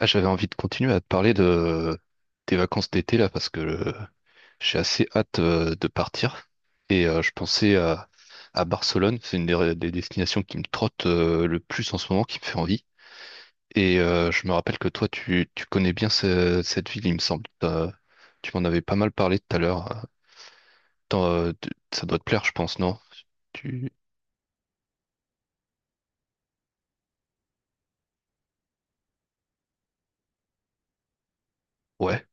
Ah, j'avais envie de continuer à te parler de tes vacances d'été là parce que j'ai assez hâte de partir et je pensais à Barcelone, c'est une des destinations qui me trotte le plus en ce moment, qui me fait envie. Et je me rappelle que toi tu connais bien cette ville, il me semble. Tu m'en avais pas mal parlé tout à l'heure. Ça doit te plaire, je pense, non? Tu... Ouais.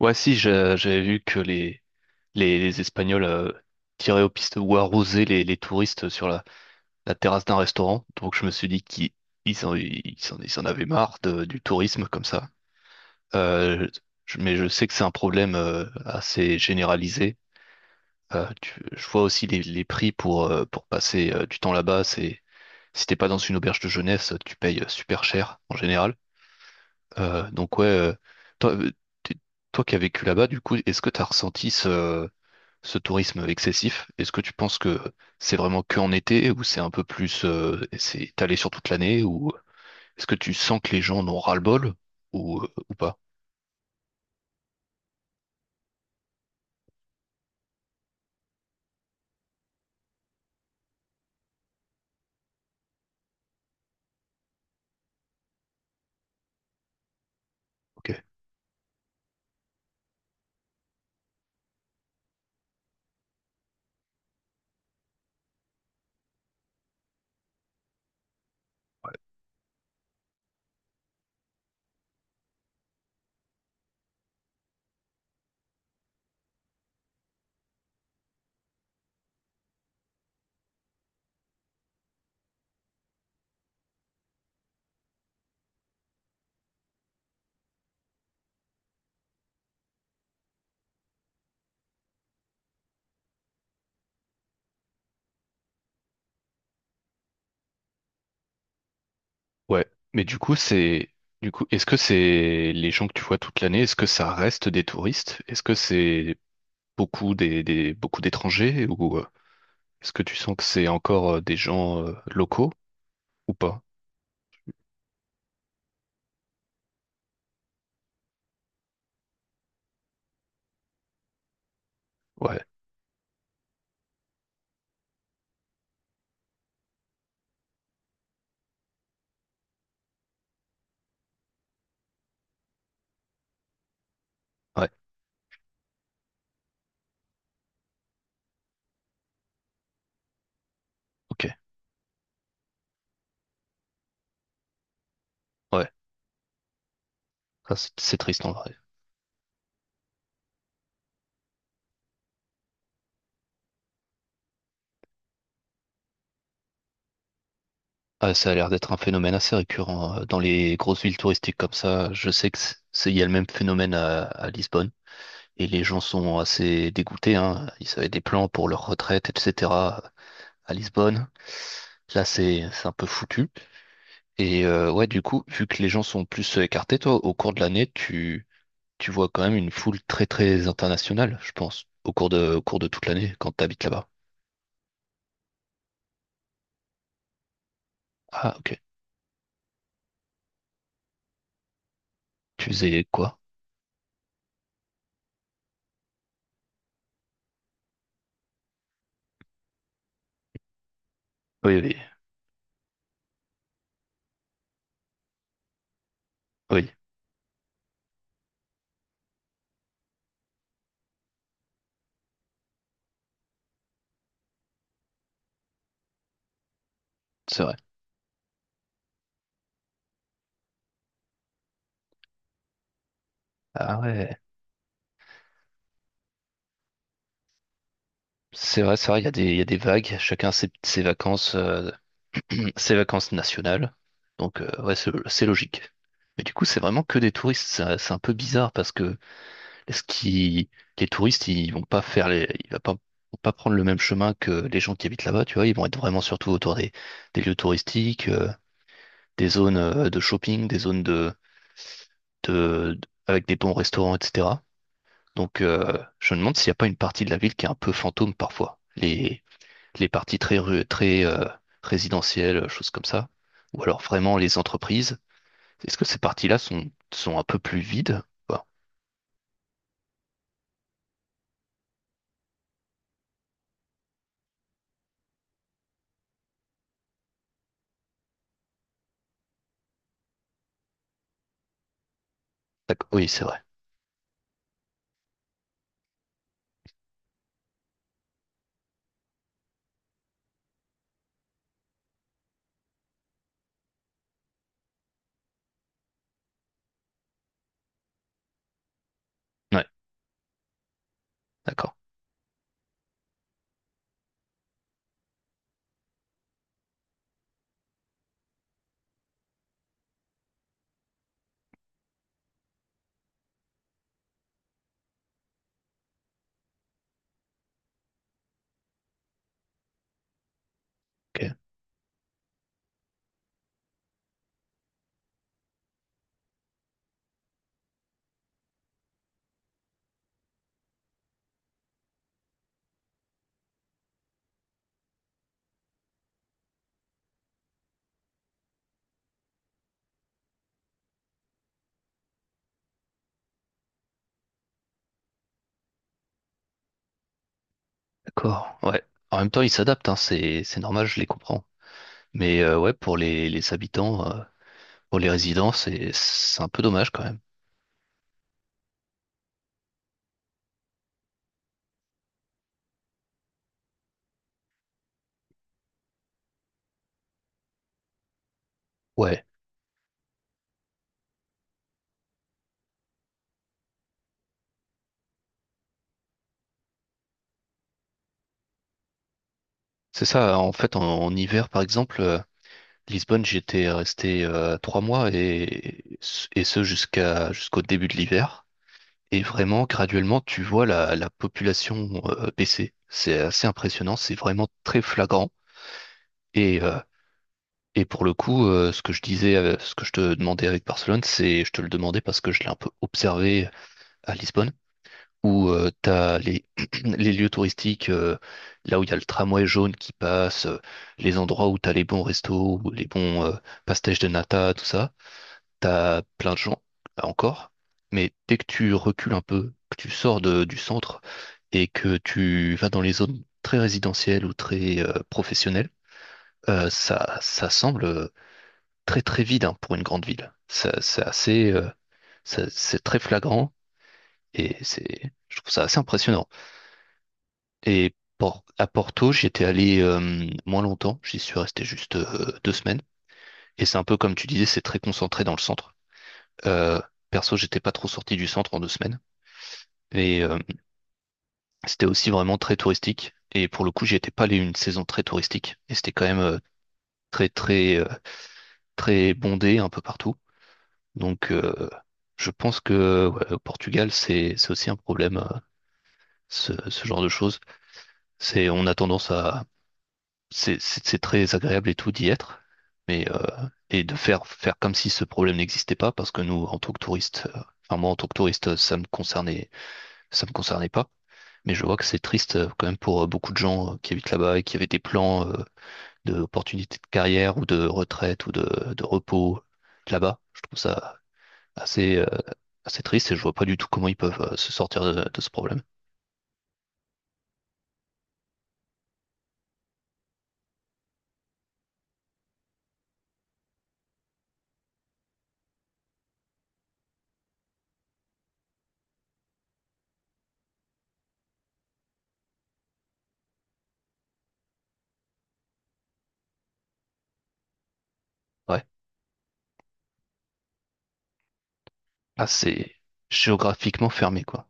Ouais, si, j'avais vu que les Espagnols tiraient aux pistes ou arrosaient les touristes sur la terrasse d'un restaurant. Donc je me suis dit qu'ils ils en, ils s'en avaient marre du tourisme comme ça. Euh, mais je sais que c'est un problème assez généralisé. Je vois aussi les prix pour passer du temps là-bas. Si t'es pas dans une auberge de jeunesse, tu payes super cher en général. Donc ouais, toi, euh, t'es- toi qui as vécu là-bas, du coup, est-ce que tu as ressenti ce tourisme excessif? Est-ce que tu penses que c'est vraiment que en été ou c'est un peu plus, c'est étalé sur toute l'année ou est-ce que tu sens que les gens en ont ras-le-bol ou, ou pas? Ok. Ouais. Mais du coup, du coup, est-ce que c'est les gens que tu vois toute l'année, est-ce que ça reste des touristes? Est-ce que c'est beaucoup beaucoup d'étrangers ou est-ce que tu sens que c'est encore des gens locaux ou pas? Ouais. Ouais. Ok. Ouais. Ça, c'est triste en vrai. Ah, ça a l'air d'être un phénomène assez récurrent dans les grosses villes touristiques comme ça. Je sais que il y a le même phénomène à Lisbonne et les gens sont assez dégoûtés, hein. Ils avaient des plans pour leur retraite, etc., à Lisbonne. Là, c'est un peu foutu. Et ouais, du coup, vu que les gens sont plus écartés, toi, au cours de l'année, tu vois quand même une foule très très internationale, je pense, au cours de toute l'année quand t'habites là-bas. Ah, ok. Tu faisais quoi? Oui, oui, oui, c'est vrai. Ah ouais. C'est vrai, il y a des vagues, chacun ses vacances, ses vacances nationales. Donc, ouais, c'est logique. Mais du coup, c'est vraiment que des touristes. C'est un peu bizarre parce que est-ce qu'ils- les touristes, ils vont pas prendre le même chemin que les gens qui habitent là-bas, tu vois. Ils vont être vraiment surtout autour des lieux touristiques, des zones de shopping, des zones avec des bons restaurants, etc. Donc, je me demande s'il n'y a pas une partie de la ville qui est un peu fantôme parfois. Les parties très résidentielles, choses comme ça, ou alors vraiment les entreprises. Est-ce que ces parties-là sont un peu plus vides? Ou pas? D'accord. Oui, c'est vrai. Ouais, d'accord. Ok, d'accord. Ouais. En même temps, ils s'adaptent, hein, c'est normal, je les comprends. Mais ouais, pour les habitants, pour les résidents, c'est un peu dommage quand même. Ouais. C'est ça, en fait, en hiver, par exemple, Lisbonne, j'étais resté 3 mois et ce jusqu'au début de l'hiver. Et vraiment, graduellement, tu vois la population baisser. C'est assez impressionnant, c'est vraiment très flagrant. Et, euh, et pour le coup, ce que je te demandais avec Barcelone, je te le demandais parce que je l'ai un peu observé à Lisbonne. Où tu as les lieux touristiques, là où il y a le tramway jaune qui passe, les endroits où tu as les bons restos, ou les bons pastèches de nata, tout ça, tu as plein de gens, là encore, mais dès que tu recules un peu, que tu sors du centre et que tu vas dans les zones très résidentielles ou très professionnelles, ça semble très très vide, hein, pour une grande ville. C'est c'est très flagrant et je trouve ça assez impressionnant. Et à Porto, j'étais allé moins longtemps, j'y suis resté juste 2 semaines. Et c'est un peu comme tu disais, c'est très concentré dans le centre. Euh, perso, j'étais pas trop sorti du centre en 2 semaines. Et c'était aussi vraiment très touristique. Et pour le coup, j'y étais pas allé une saison très touristique. Et c'était quand même très très très bondé un peu partout. Donc je pense que ouais, au Portugal, c'est aussi un problème, ce genre de choses. C'est on a tendance à c'est très agréable et tout d'y être, mais et de faire comme si ce problème n'existait pas, parce que nous, en tant que touristes, enfin moi en tant que touriste, ça me concernait pas, mais je vois que c'est triste quand même pour beaucoup de gens qui habitent là-bas et qui avaient des plans d'opportunités de carrière ou de retraite ou de repos là-bas. Je trouve ça assez, euh, assez triste et je vois pas du tout comment ils peuvent se sortir de ce problème. Ouais. Ah, c'est géographiquement fermé, quoi.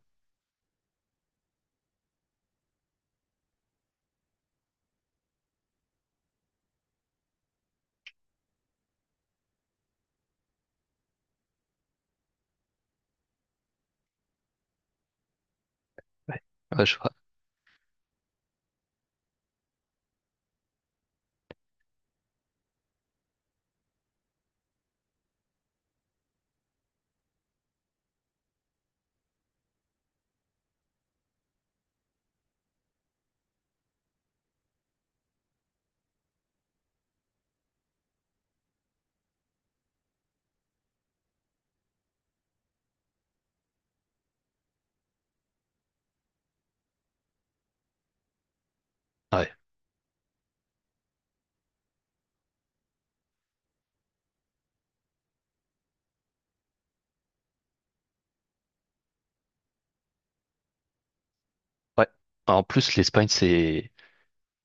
Ouais. Ouais, je vois. Ouais. Ouais. En plus, l'Espagne, c'est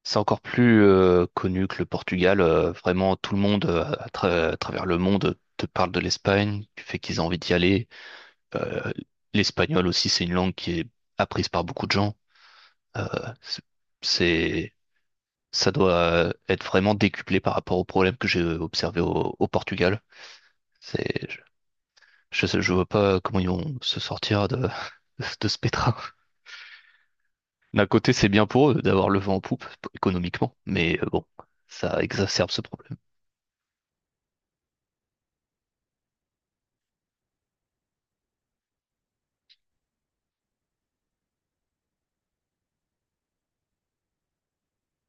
C'est encore plus connu que le Portugal. Vraiment, tout le monde à travers le monde te parle de l'Espagne, du fait qu'ils ont envie d'y aller. Euh, l'espagnol aussi, c'est une langue qui est apprise par beaucoup de gens. Euh, c'est, c'est- ça doit être vraiment décuplé par rapport aux problèmes que j'ai observés au Portugal. C'est, je vois pas comment ils vont se sortir de, de ce pétrin. D'un côté, c'est bien pour eux d'avoir le vent en poupe économiquement, mais bon, ça exacerbe ce problème.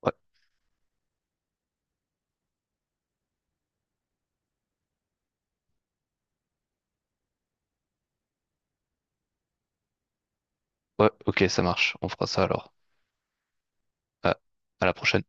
Ouais. Ouais, ok, ça marche. On fera ça alors. à à la prochaine.